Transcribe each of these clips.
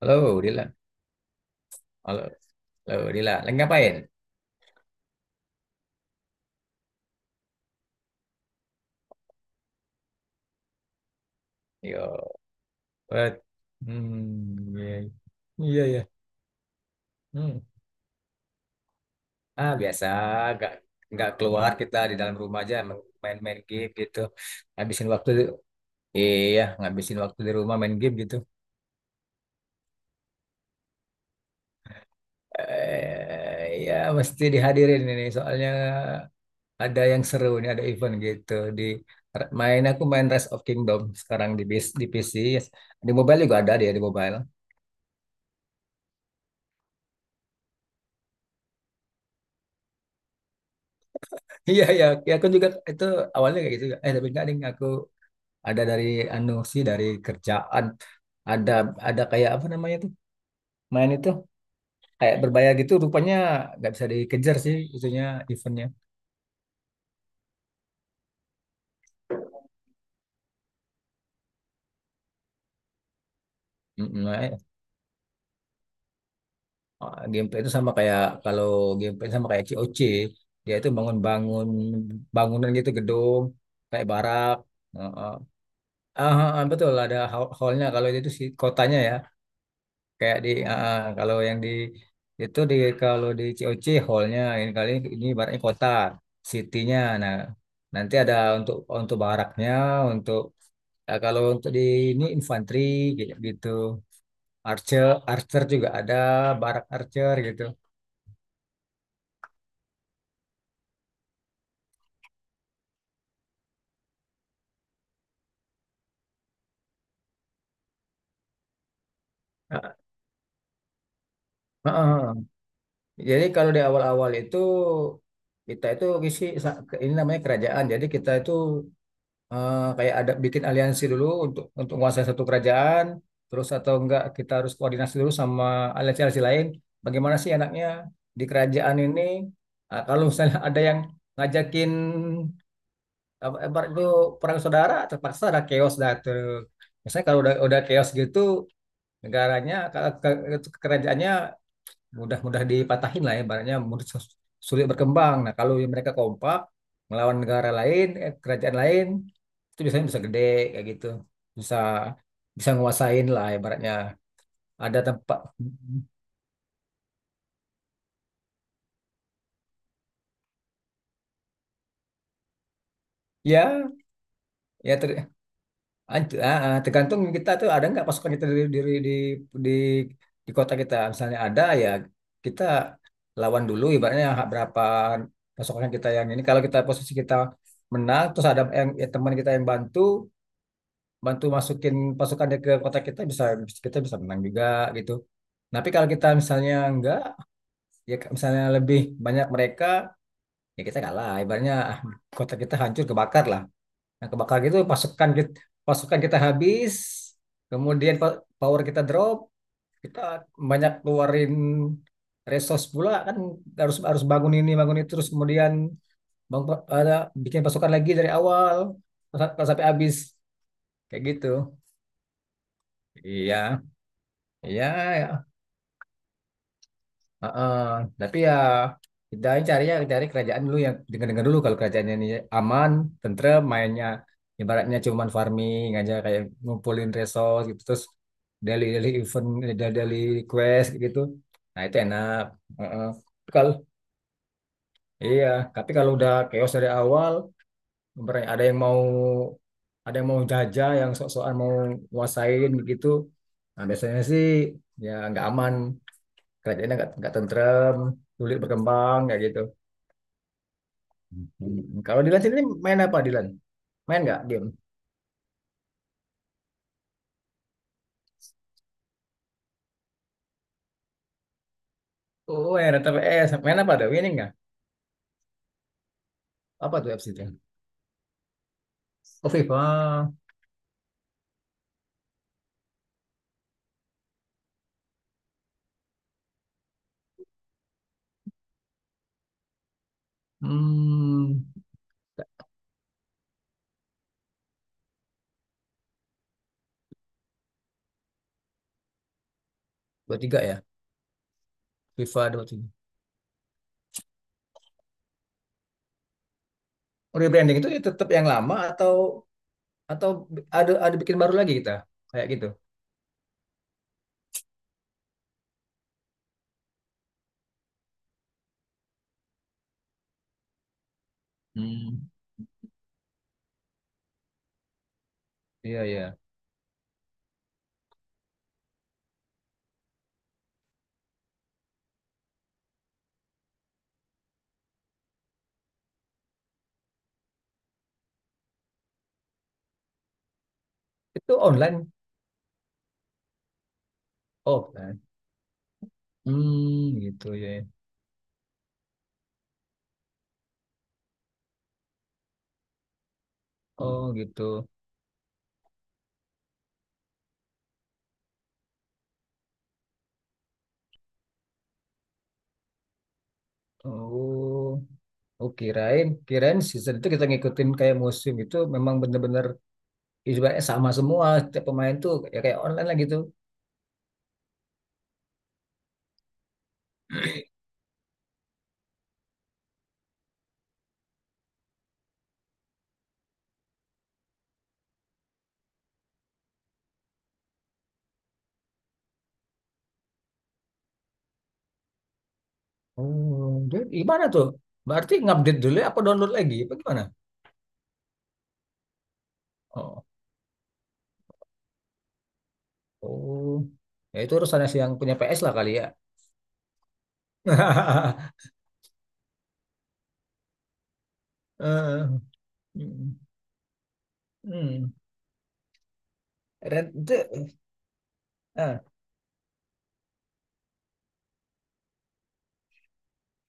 Halo, Dila. Halo, halo, Dila. Lagi ngapain? Yo, eh, hmm, iya, iya, iya. Hmm. Ah, biasa, nggak nggak keluar kita di dalam rumah aja main-main game gitu. Habisin waktu, iya, ngabisin waktu di rumah main game gitu. Eh, iya, mesti dihadirin ini soalnya ada yang seru nih, ada event gitu di main aku main Rise of Kingdom sekarang di PC, di mobile juga ada dia di mobile. Iya iya, ya, aku juga itu awalnya kayak gitu juga. Eh tapi enggak ding, aku ada dari anu sih dari kerjaan ada ada kayak apa namanya tuh main itu kayak berbayar gitu rupanya nggak bisa dikejar sih itunya eventnya. Mm-mm, ah, gameplay itu sama kayak kalau gameplay sama kayak C O C. Dia itu bangun-bangun bangunan gitu, gedung kayak barak. Heeh. Betul ada hallnya kalau itu sih kotanya ya. Kayak di kalau yang di itu di kalau di COC hallnya ini, kali ini ibaratnya kota citynya, nah nanti ada untuk baraknya, untuk kalau untuk di ini infanteri gitu, gitu. Archer archer juga ada, barak archer gitu. Ah, ah, ah. Jadi kalau di awal-awal itu, kita itu isi ini namanya kerajaan. Jadi kita itu, kayak ada bikin aliansi dulu untuk menguasai satu kerajaan, terus atau enggak kita harus koordinasi dulu sama aliansi-aliansi lain. Bagaimana sih enaknya di kerajaan ini? Kalau misalnya ada yang ngajakin, apa ibarat itu perang saudara, terpaksa ada chaos dah tuh. Misalnya kalau udah chaos gitu negaranya, kalau kerajaannya mudah-mudah dipatahin lah ya, ibaratnya mudah sulit berkembang. Nah, kalau mereka kompak melawan negara lain, eh, kerajaan lain, itu biasanya bisa gede kayak gitu, bisa bisa nguasain lah ibaratnya. Ada tempat. Ya, ya, tergantung kita tuh ada nggak pasukan kita di di, di kota kita. Misalnya ada, ya kita lawan dulu ibaratnya hak berapa pasukan kita yang ini. Kalau kita posisi kita menang, terus ada yang, ya teman kita yang bantu bantu masukin pasukan dia ke kota kita, kita bisa menang juga gitu. Tapi kalau kita misalnya enggak, ya misalnya lebih banyak mereka, ya kita kalah. Ibaratnya, kota kita hancur kebakar lah. Nah, kebakar gitu pasukan kita habis, kemudian power kita drop, kita banyak keluarin resource pula kan, harus harus bangun ini bangun itu, terus kemudian bangun, ada bikin pasukan lagi dari awal sampai habis kayak gitu. Iya. Iya, ya. Heeh. Tapi ya kita carinya cari kerajaan dulu yang dengar-dengar dulu kalau kerajaannya ini aman, tentrem, mainnya ibaratnya cuman farming aja kayak ngumpulin resource gitu, terus daily-daily event, daily-daily quest gitu. Nah, itu enak. Heeh. Tapi Kalau iya, tapi kalau udah chaos dari awal, ibaratnya ada yang mau jajah, yang sok-sokan mau nguasain gitu. Nah, biasanya sih ya nggak aman. Kerajaannya nggak tentrem, sulit berkembang kayak gitu. Hmm. Kalau Dilan sendiri main apa, Dilan? Main nggak game? Oh, main rata PS. Main apa, ada winning nggak? Apa tuh apps itu? Oh, FIFA. Hmm, 23 ya? FIFA 23. Oh, rebranding itu tetap yang lama atau ada bikin baru lagi kita? Kayak gitu. Hmm, iya iya. Itu online. Oh, offline. Hmm, gitu ya. Oh, gitu. Oh, Oh, kirain season itu kita ngikutin kayak musim itu, memang bener-bener ibaratnya sama semua setiap pemain tuh ya kayak online lah gitu. Oh, jadi gimana tuh? Berarti ngupdate dulu ya, apa download lagi? Apa gimana? Oh, oh, ya itu urusannya si yang punya PS lah kali ya. Eh, hmm, hmm. Keren. Itu, ah.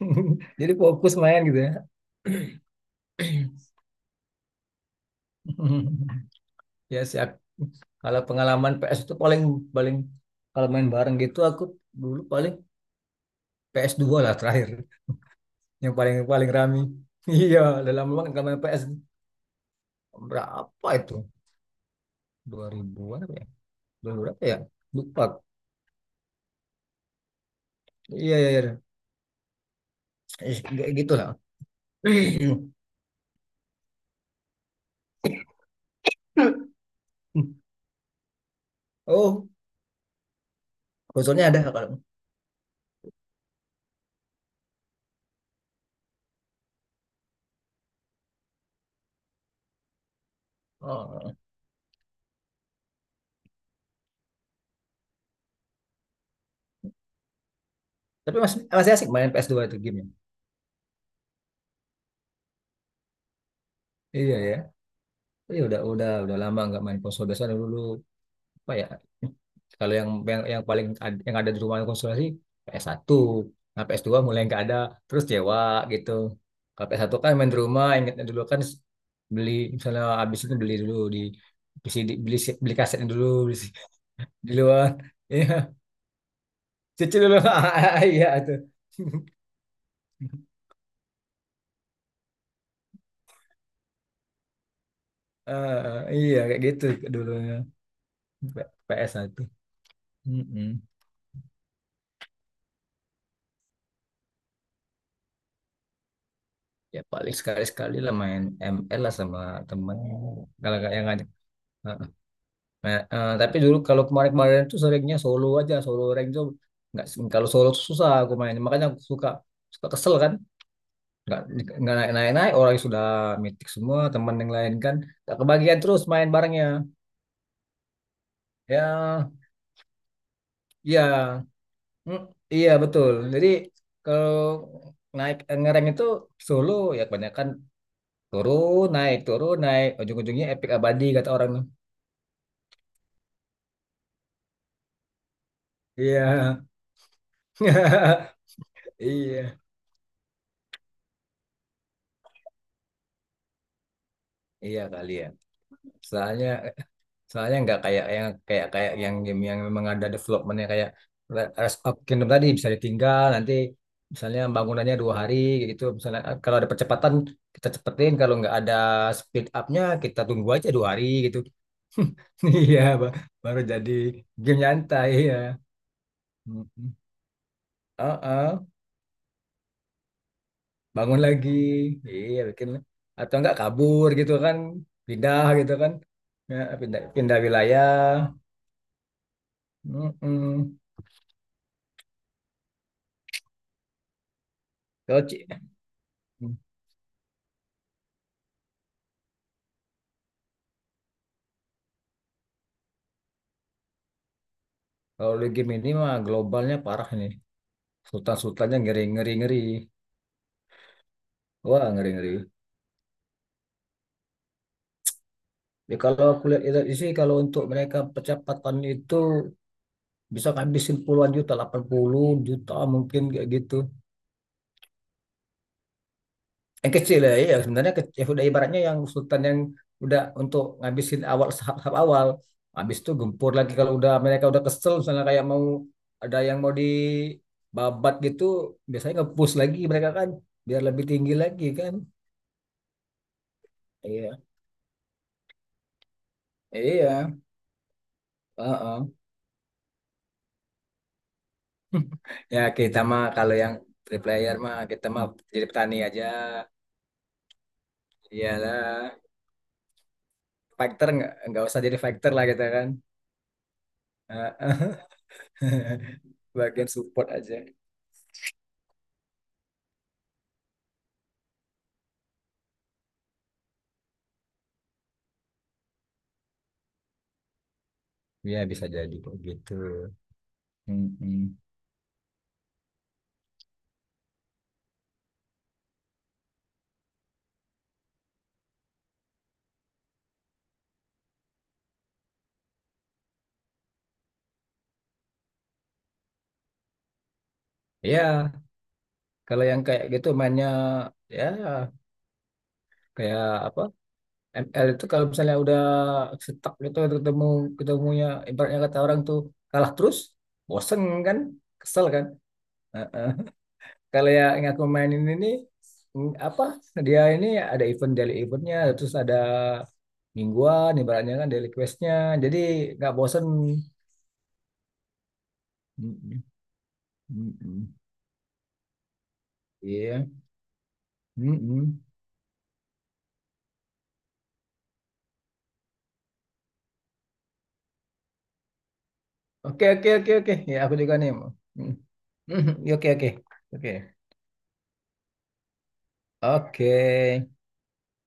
Jadi fokus main gitu ya. Ya sih, kalau pengalaman PS itu paling paling kalau main bareng gitu, aku dulu paling PS2 lah terakhir yang paling paling rame. Iya, dalam lama nggak main PS berapa itu? 2000-an apa ya? 2000 berapa ya? Lupa. Iya, iya, iya. Eh, kayak gitu lah. Oh, konsolnya ada kalau. Oh. Tapi masih masih asik main PS2 itu gamenya. Iya ya. Iya, udah lama nggak main konsol, biasanya dulu apa ya, kalau yang paling yang ada di rumah, konsultasi, PS1. Nah, PS2 mulai nggak ada, terus sewa gitu. Kalau PS1 kan main di rumah, ingatnya dulu kan beli, misalnya habis itu beli dulu di PC, beli beli kasetnya dulu, beli si- di luar. Iya, cuci dulu. Iya itu. Ah, iya kayak gitu dulunya. PS1. Mm-mm. Ya paling sekali-sekali lah main ML lah sama temen, kalau nggak yang ngajak, eh, Nah, tapi dulu kalau kemarin-kemarin tuh seringnya solo aja, solo rank tuh nggak. Kalau solo tuh susah aku main. Makanya aku suka suka kesel kan, nggak nggak naik-naik, orang yang sudah mitik semua teman yang lain kan, nggak kebagian terus main barengnya. Ya, iya, Mm, iya betul. Jadi kalau naik ngereng itu solo, ya kebanyakan turun naik turun naik, ujung-ujungnya epic abadi kata orang. Iya, iya, iya kali ya. Soalnya Soalnya nggak kayak yang, kayak kayak yang game yang memang ada developmentnya kayak Rise of Kingdom tadi, bisa ditinggal. Nanti misalnya bangunannya 2 hari kayak gitu, misalnya kalau ada percepatan kita cepetin, kalau nggak ada speed upnya kita tunggu aja 2 hari gitu. Iya, baru jadi game nyantai ya. Mm-mm. Uh-uh. Bangun lagi, iya bikin, atau nggak kabur gitu kan, pindah gitu kan. Ya, pindah pindah wilayah. Mm-mm. Kalau Ci- Kalau di game ini mah globalnya parah ini. Sultan-sultannya ngeri-ngeri-ngeri. Wah, ngeri-ngeri. Ya, kalau aku lihat itu sih, kalau untuk mereka percepatan itu bisa ngabisin puluhan juta, 80 juta mungkin kayak gitu. Yang kecil ya, ya sebenarnya kecil. Ya udah, ibaratnya yang sultan yang udah untuk ngabisin awal, tahap-tahap awal. Habis itu gempur lagi kalau udah mereka udah kesel, misalnya kayak mau, ada yang mau dibabat gitu, biasanya nge-push lagi mereka kan biar lebih tinggi lagi kan. Iya. Iya. Heeh. Ya kita mah kalau yang three player mah, kita mah jadi petani aja. Iyalah, fighter, nggak usah jadi fighter lah kita kan. Heeh. Bagian support aja. Ya bisa jadi kok gitu. Mm-mm. Ya kalau yang kayak gitu mainnya ya kayak apa? ML itu kalau misalnya udah stuck gitu, ketemunya ibaratnya kata orang tuh kalah terus, bosen kan, kesel kan. Kalau yang aku mainin ini, apa, dia ini ada event daily eventnya, terus ada mingguan ibaratnya kan daily questnya, jadi nggak bosen. Mm-mm, mm-mm. Iya. Mm-mm. Oke oke oke oke, ya aku juga nih. Mm. Oke oke oke oke.